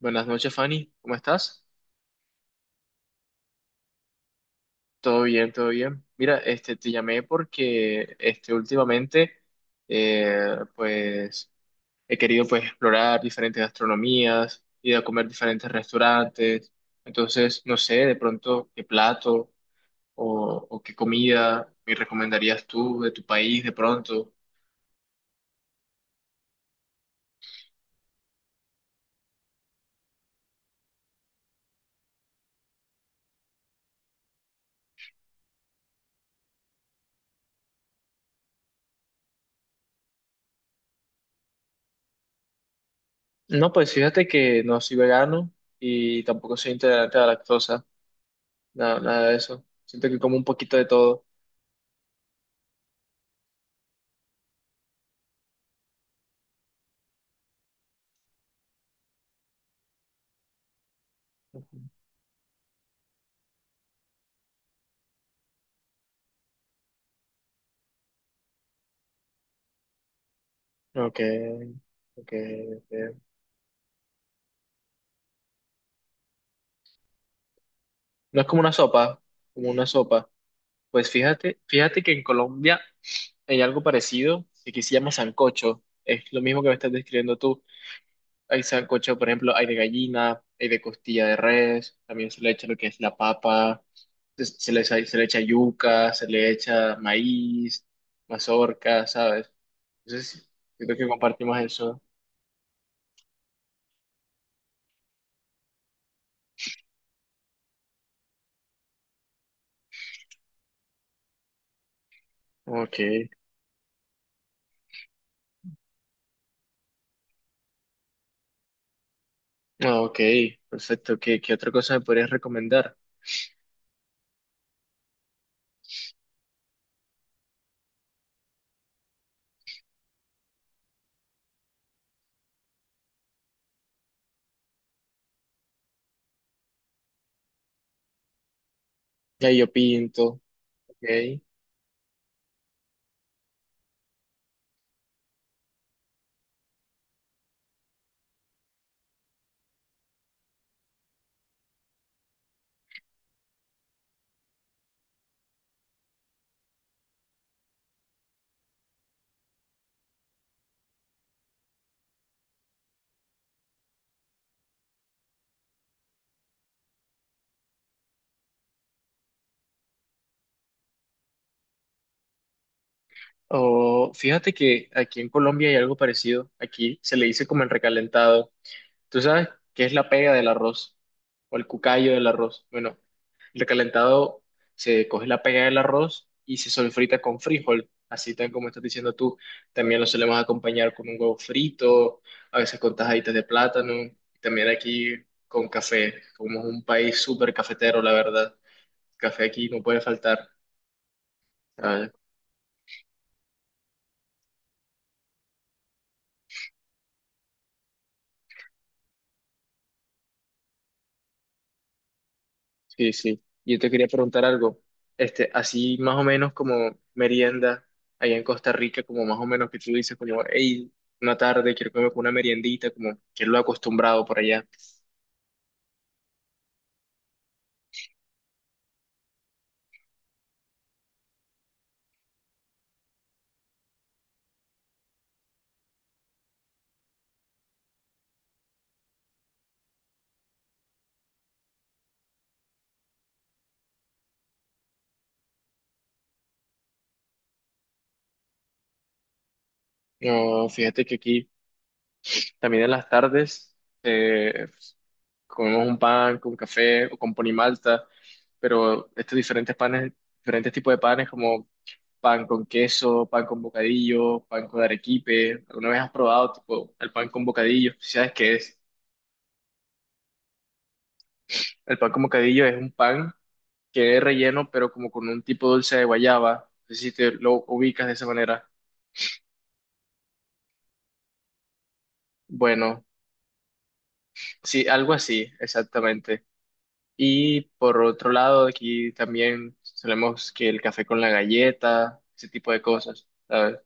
Buenas noches, Fanny. ¿Cómo estás? Todo bien, todo bien. Mira, te llamé porque últimamente eh, pues, he querido, pues, explorar diferentes gastronomías, ir a comer diferentes restaurantes. Entonces, no sé, de pronto, qué plato o qué comida me recomendarías tú de tu país de pronto. No, pues fíjate que no soy vegano y tampoco soy intolerante a la lactosa, nada, nada de eso. Siento que como un poquito de todo. Ok, ok, ok. ¿No es como una sopa, como una sopa? Pues fíjate que en Colombia hay algo parecido que aquí se llama sancocho. Es lo mismo que me estás describiendo tú. Hay sancocho, por ejemplo, hay de gallina, hay de costilla de res, también se le echa lo que es la papa, se le echa yuca, se le echa maíz, mazorca, ¿sabes? Entonces, creo que compartimos eso. Ok, ah, ok, perfecto. ¿Qué, qué otra cosa me podrías recomendar? Ya yo pinto, ok. O fíjate que aquí en Colombia hay algo parecido. Aquí se le dice como el recalentado. ¿Tú sabes qué es la pega del arroz? O el cucayo del arroz. Bueno, el recalentado, se coge la pega del arroz y se solfrita con frijol. Así tan como estás diciendo tú. También lo solemos acompañar con un huevo frito, a veces con tajaditas de plátano. También aquí con café. Como es un país súper cafetero, la verdad. Café aquí no puede faltar. Sí, sí. Yo te quería preguntar algo. Este, así más o menos como merienda allá en Costa Rica, como más o menos que tú dices, como, hey, una tarde quiero comer una meriendita, como que es lo acostumbrado por allá. No, fíjate que aquí también en las tardes eh, comemos un pan con café o con ponimalta, pero estos diferentes panes, diferentes tipos de panes como pan con queso, pan con bocadillo, pan con arequipe. ¿Alguna vez has probado tipo el pan con bocadillo? ¿Sí? ¿Sabes qué es? El pan con bocadillo es un pan que es relleno, pero como con un tipo dulce de guayaba. No sé si te lo ubicas de esa manera. Bueno, sí, algo así, exactamente. Y por otro lado, aquí también solemos que el café con la galleta, ese tipo de cosas, ¿sabes?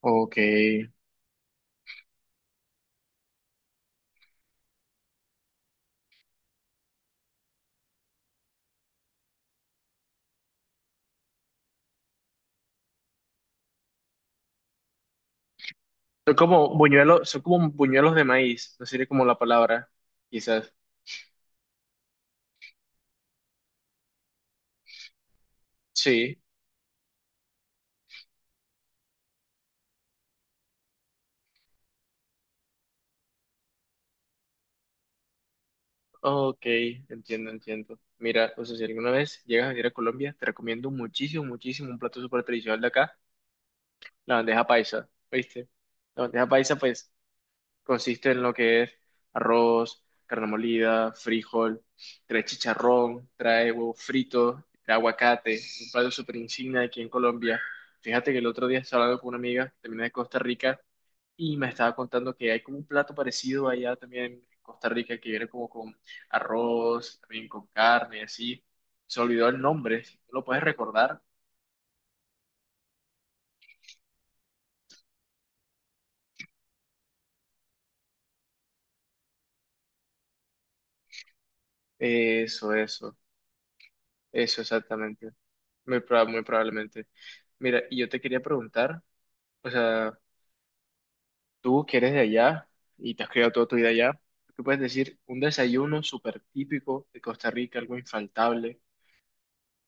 Ok. Son como buñuelos de maíz, no sería como la palabra, quizás. Sí. Ok, entiendo, entiendo. Mira, o sea, si alguna vez llegas a venir a Colombia, te recomiendo muchísimo, muchísimo un plato súper tradicional de acá, la bandeja paisa, ¿viste? La bandeja paisa, pues, consiste en lo que es arroz, carne molida, frijol, trae chicharrón, trae huevo frito, trae aguacate, un plato súper insignia aquí en Colombia. Fíjate que el otro día estaba hablando con una amiga, también de Costa Rica, y me estaba contando que hay como un plato parecido allá también en Costa Rica que viene como con arroz, también con carne, así. Se olvidó el nombre, si tú lo puedes recordar. Eso, eso, eso exactamente. Muy probablemente. Mira, y yo te quería preguntar, o sea, tú que eres de allá y te has criado toda tu vida allá, ¿tú puedes decir un desayuno súper típico de Costa Rica, algo infaltable?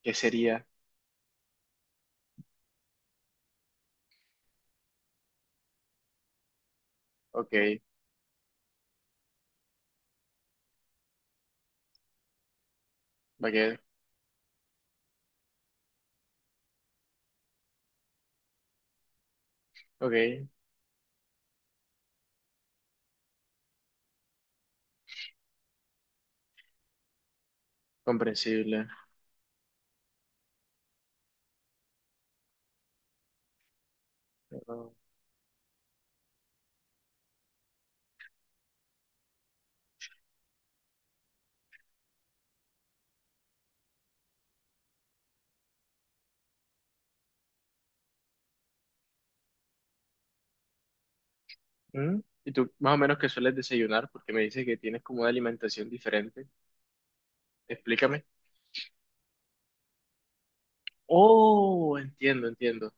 ¿Qué sería? Ok, va a quedar, ok, comprensible. Mm, ¿y tú más o menos qué sueles desayunar? Porque me dices que tienes como una alimentación diferente. Explícame. Oh, entiendo, entiendo.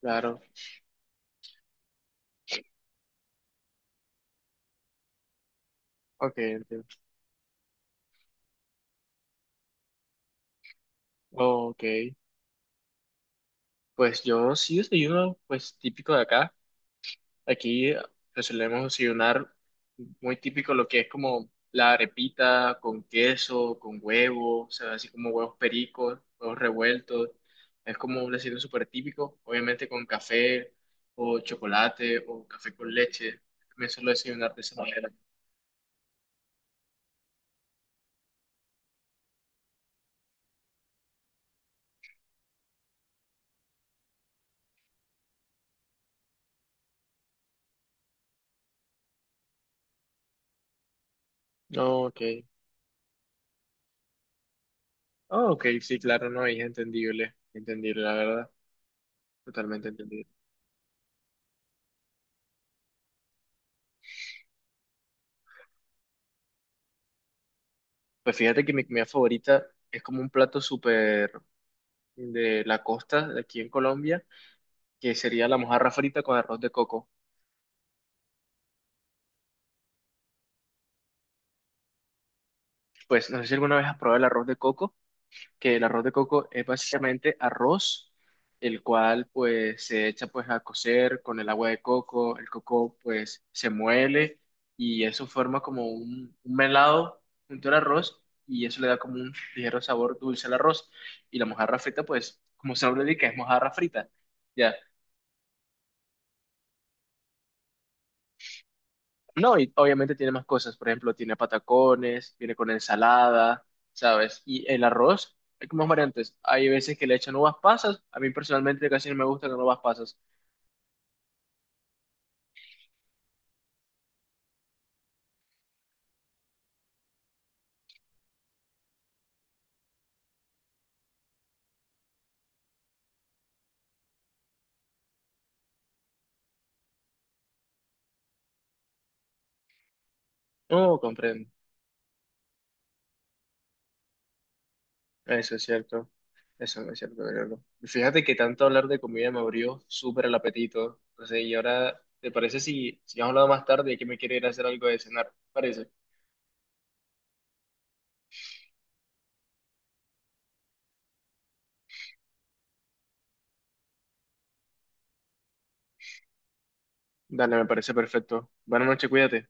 Claro. Ok, entiendo. Ok. Pues yo sí desayuno, pues típico de acá. Aquí le solemos desayunar muy típico lo que es como la arepita con queso, con huevo, o sea, así como huevos pericos, huevos revueltos. Es como un desayuno súper típico, obviamente con café o chocolate o café con leche. Me suelo desayunar de esa manera. No, ok. Ah, ok, sí, claro, no, es entendible, entendible, la verdad, totalmente entendible. Pues fíjate que mi comida favorita es como un plato súper de la costa de aquí en Colombia que sería la mojarra frita con arroz de coco. Pues no sé si alguna vez has probado el arroz de coco, que el arroz de coco es básicamente arroz, el cual pues se echa pues a cocer con el agua de coco, el coco pues se muele y eso forma como un melado junto al arroz y eso le da como un ligero sabor dulce al arroz. Y la mojarra frita pues, como su nombre indica, es mojarra frita. Ya, no, y obviamente tiene más cosas, por ejemplo, tiene patacones, viene con ensalada, ¿sabes? Y el arroz, hay como más variantes. Hay veces que le echan uvas pasas, a mí personalmente casi no me gustan las uvas pasas. No, comprendo. Eso es cierto. Eso no es cierto, Gabriel. Y fíjate que tanto hablar de comida me abrió súper el apetito. No sé, y ahora, ¿te parece si, si hemos hablado más tarde y que me quiere ir a hacer algo de cenar? ¿Parece? Dale, me parece perfecto. Buenas noches, cuídate.